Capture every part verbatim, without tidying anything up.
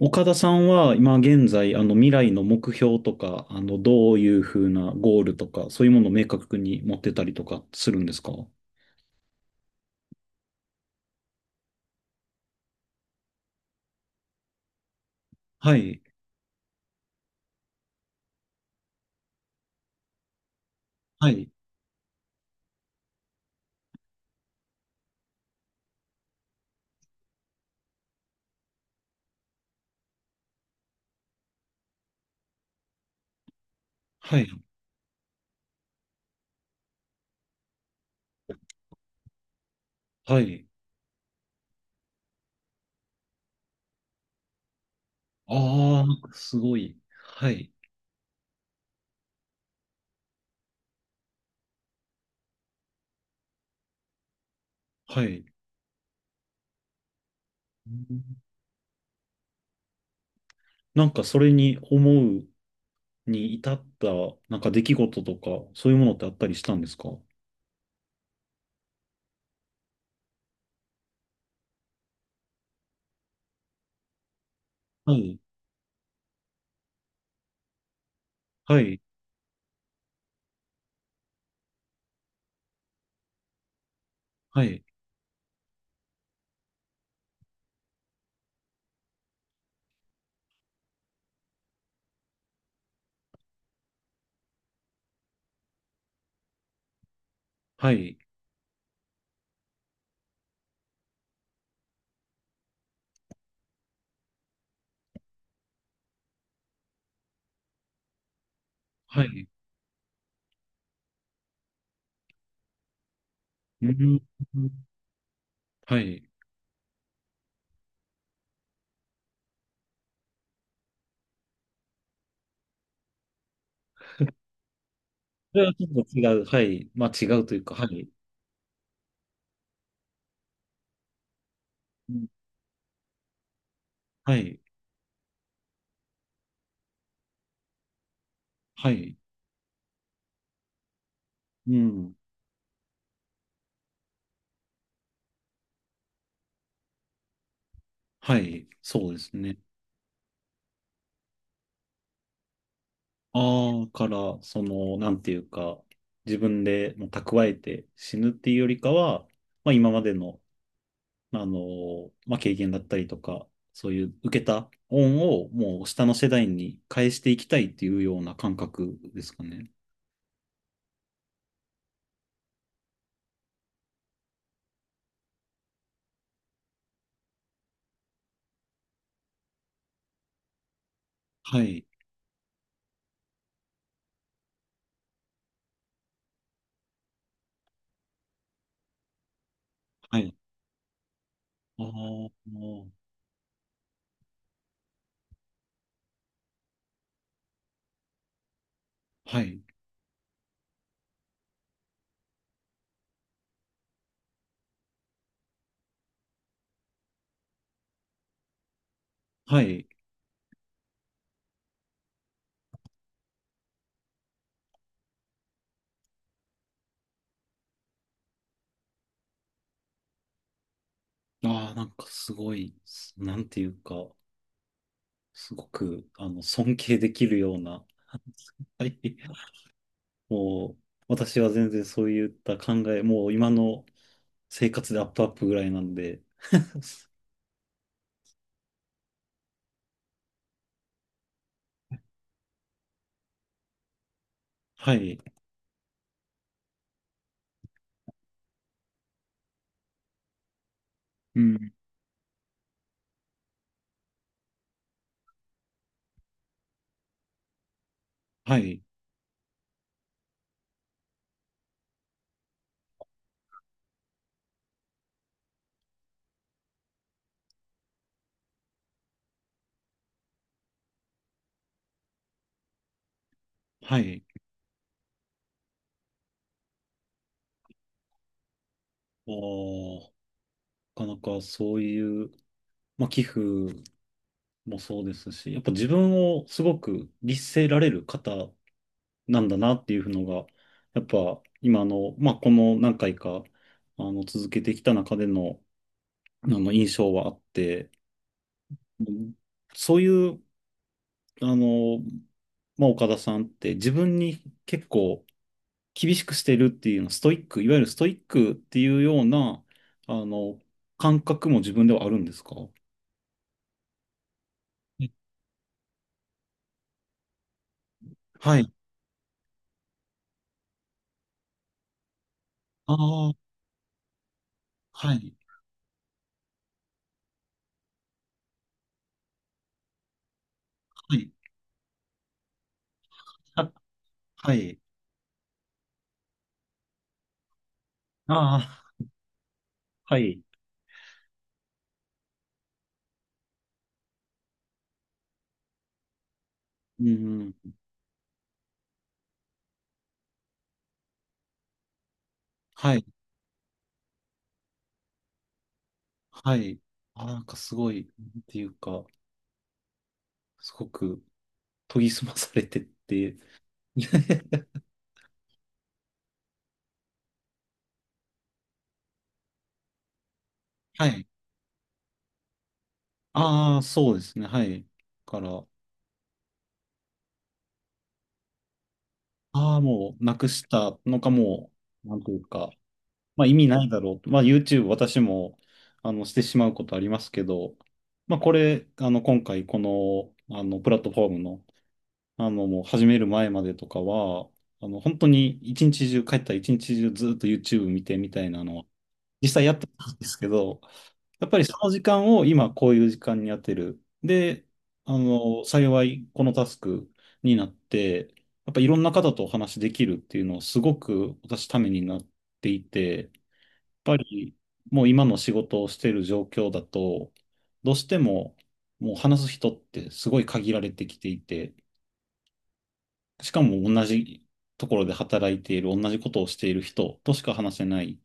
岡田さんは今現在、あの未来の目標とか、あのどういうふうなゴールとか、そういうものを明確に持ってたりとかするんですか？はい、はい、はい、はい。ああ、すごい。はい、はい。うん、なんかそれに思うに至った、なんか出来事とか、そういうものってあったりしたんですか？はい、はい、はい、はい、はい。うん、はい。それはちょっと違う。はい。まあ違うというか、はい。うん、はい。はい。うん。はい。そうですね。ああ、から、その、なんていうか、自分でもう蓄えて死ぬっていうよりかは、まあ今までの、あの、まあ経験だったりとか、そういう受けた恩をもう下の世代に返していきたいっていうような感覚ですかね。はい。はい。ああ、はい。はい。ああ、なんかすごい、なんていうか、すごく、あの、尊敬できるような、はい。もう、私は全然そういった考え、もう今の生活でアップアップぐらいなんで。はい。うん。はい。はい。まあー、なかなかそういう、まあ、寄付もそうですし、やっぱ自分をすごく律せられる方なんだなっていうのが、やっぱ今の、まあ、この何回か、あの、続けてきた中での、あの、印象はあって、うん、そういうあの、まあ、岡田さんって自分に結構厳しくしてるっていうの、ストイック、いわゆるストイックっていうような、あの、感覚も自分ではあるんですか？えはい。ああ、はい、はい、あ、はい、ああ、はい、うん、はい、はい。あー、なんかすごい、なんていうか、すごく研ぎ澄まされてって、はい。ああ、そうですね、はい。から、ああ、もうなくしたのかもう、なんというか、まあ意味ないだろうと。まあ YouTube 私も、あの、してしまうことありますけど、まあこれ、あの、今回この、あの、プラットフォームの、あの、もう始める前までとかは、あの、本当に一日中、帰ったら一日中ずっと YouTube 見てみたいなのは、実際やってたんですけど、やっぱりその時間を今こういう時間に当てる。で、あの、幸いこのタスクになって、やっぱいろんな方とお話できるっていうのはすごく私ためになっていて、やっぱりもう今の仕事をしている状況だと、どうしてももう話す人ってすごい限られてきていて、しかも同じところで働いている、同じことをしている人としか話せないっ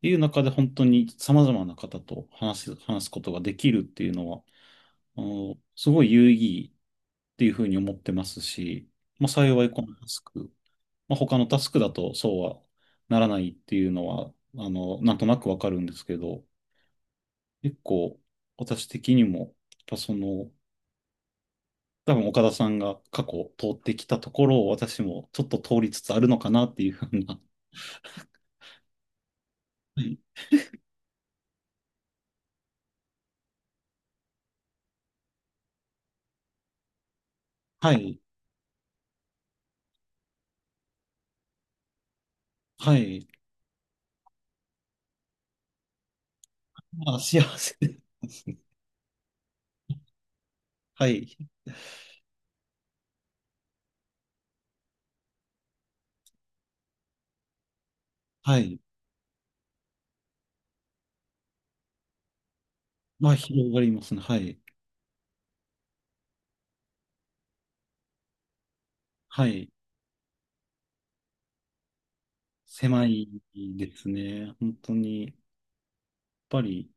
ていう中で本当に様々な方と話す、話すことができるっていうのは、あのすごい有意義っていうふうに思ってますし、まあ、幸いこのタスク、まあ、他のタスクだとそうはならないっていうのは、あの、なんとなくわかるんですけど、結構私的にも、やっぱその、多分岡田さんが過去通ってきたところを私もちょっと通りつつあるのかなっていうふうな、はい、はい、はい、まあ、幸せ、はい、はい、まあ広がりますね、はい、はい、狭いですね、本当に。ぱり、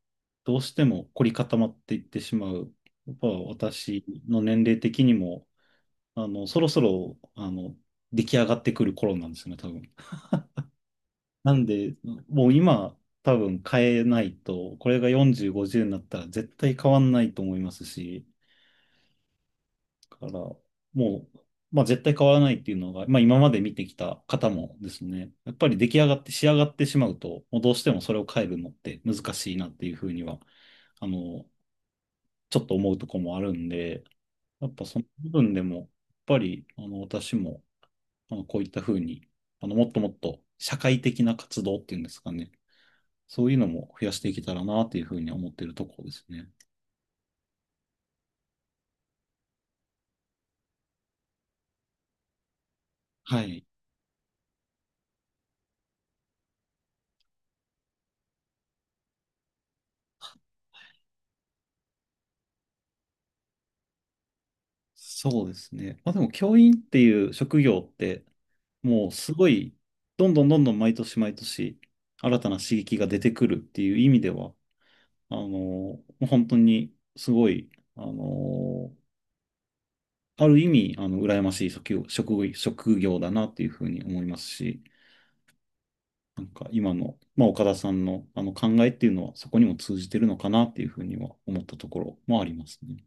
どうしても凝り固まっていってしまう。やっぱ私の年齢的にも、あの、そろそろ、あの、出来上がってくる頃なんですよね、多分。なんで、もう今、多分変えないと、これがよんじゅう、ごじゅうになったら絶対変わんないと思いますし、だから、もう、まあ絶対変わらないっていうのが、まあ今まで見てきた方もですね、やっぱり出来上がって、仕上がってしまうと、もうどうしてもそれを変えるのって難しいなっていうふうには、あの、ちょっと思うとこもあるんで、やっぱその部分でも、やっぱり、あの、私も、あの、こういったふうに、あの、もっともっと社会的な活動っていうんですかね。そういうのも増やしていけたらなっていうふうに思っているところですね。はい。そうですね。まあでも、教員っていう職業って、もうすごい、どんどんどんどん毎年毎年、新たな刺激が出てくるっていう意味では、あの、もう本当にすごい、あの、ある意味、あの、羨ましい職業、職業、職業だなっていうふうに思いますし、なんか今の、まあ、岡田さんのあの考えっていうのはそこにも通じてるのかなっていうふうには思ったところもありますね。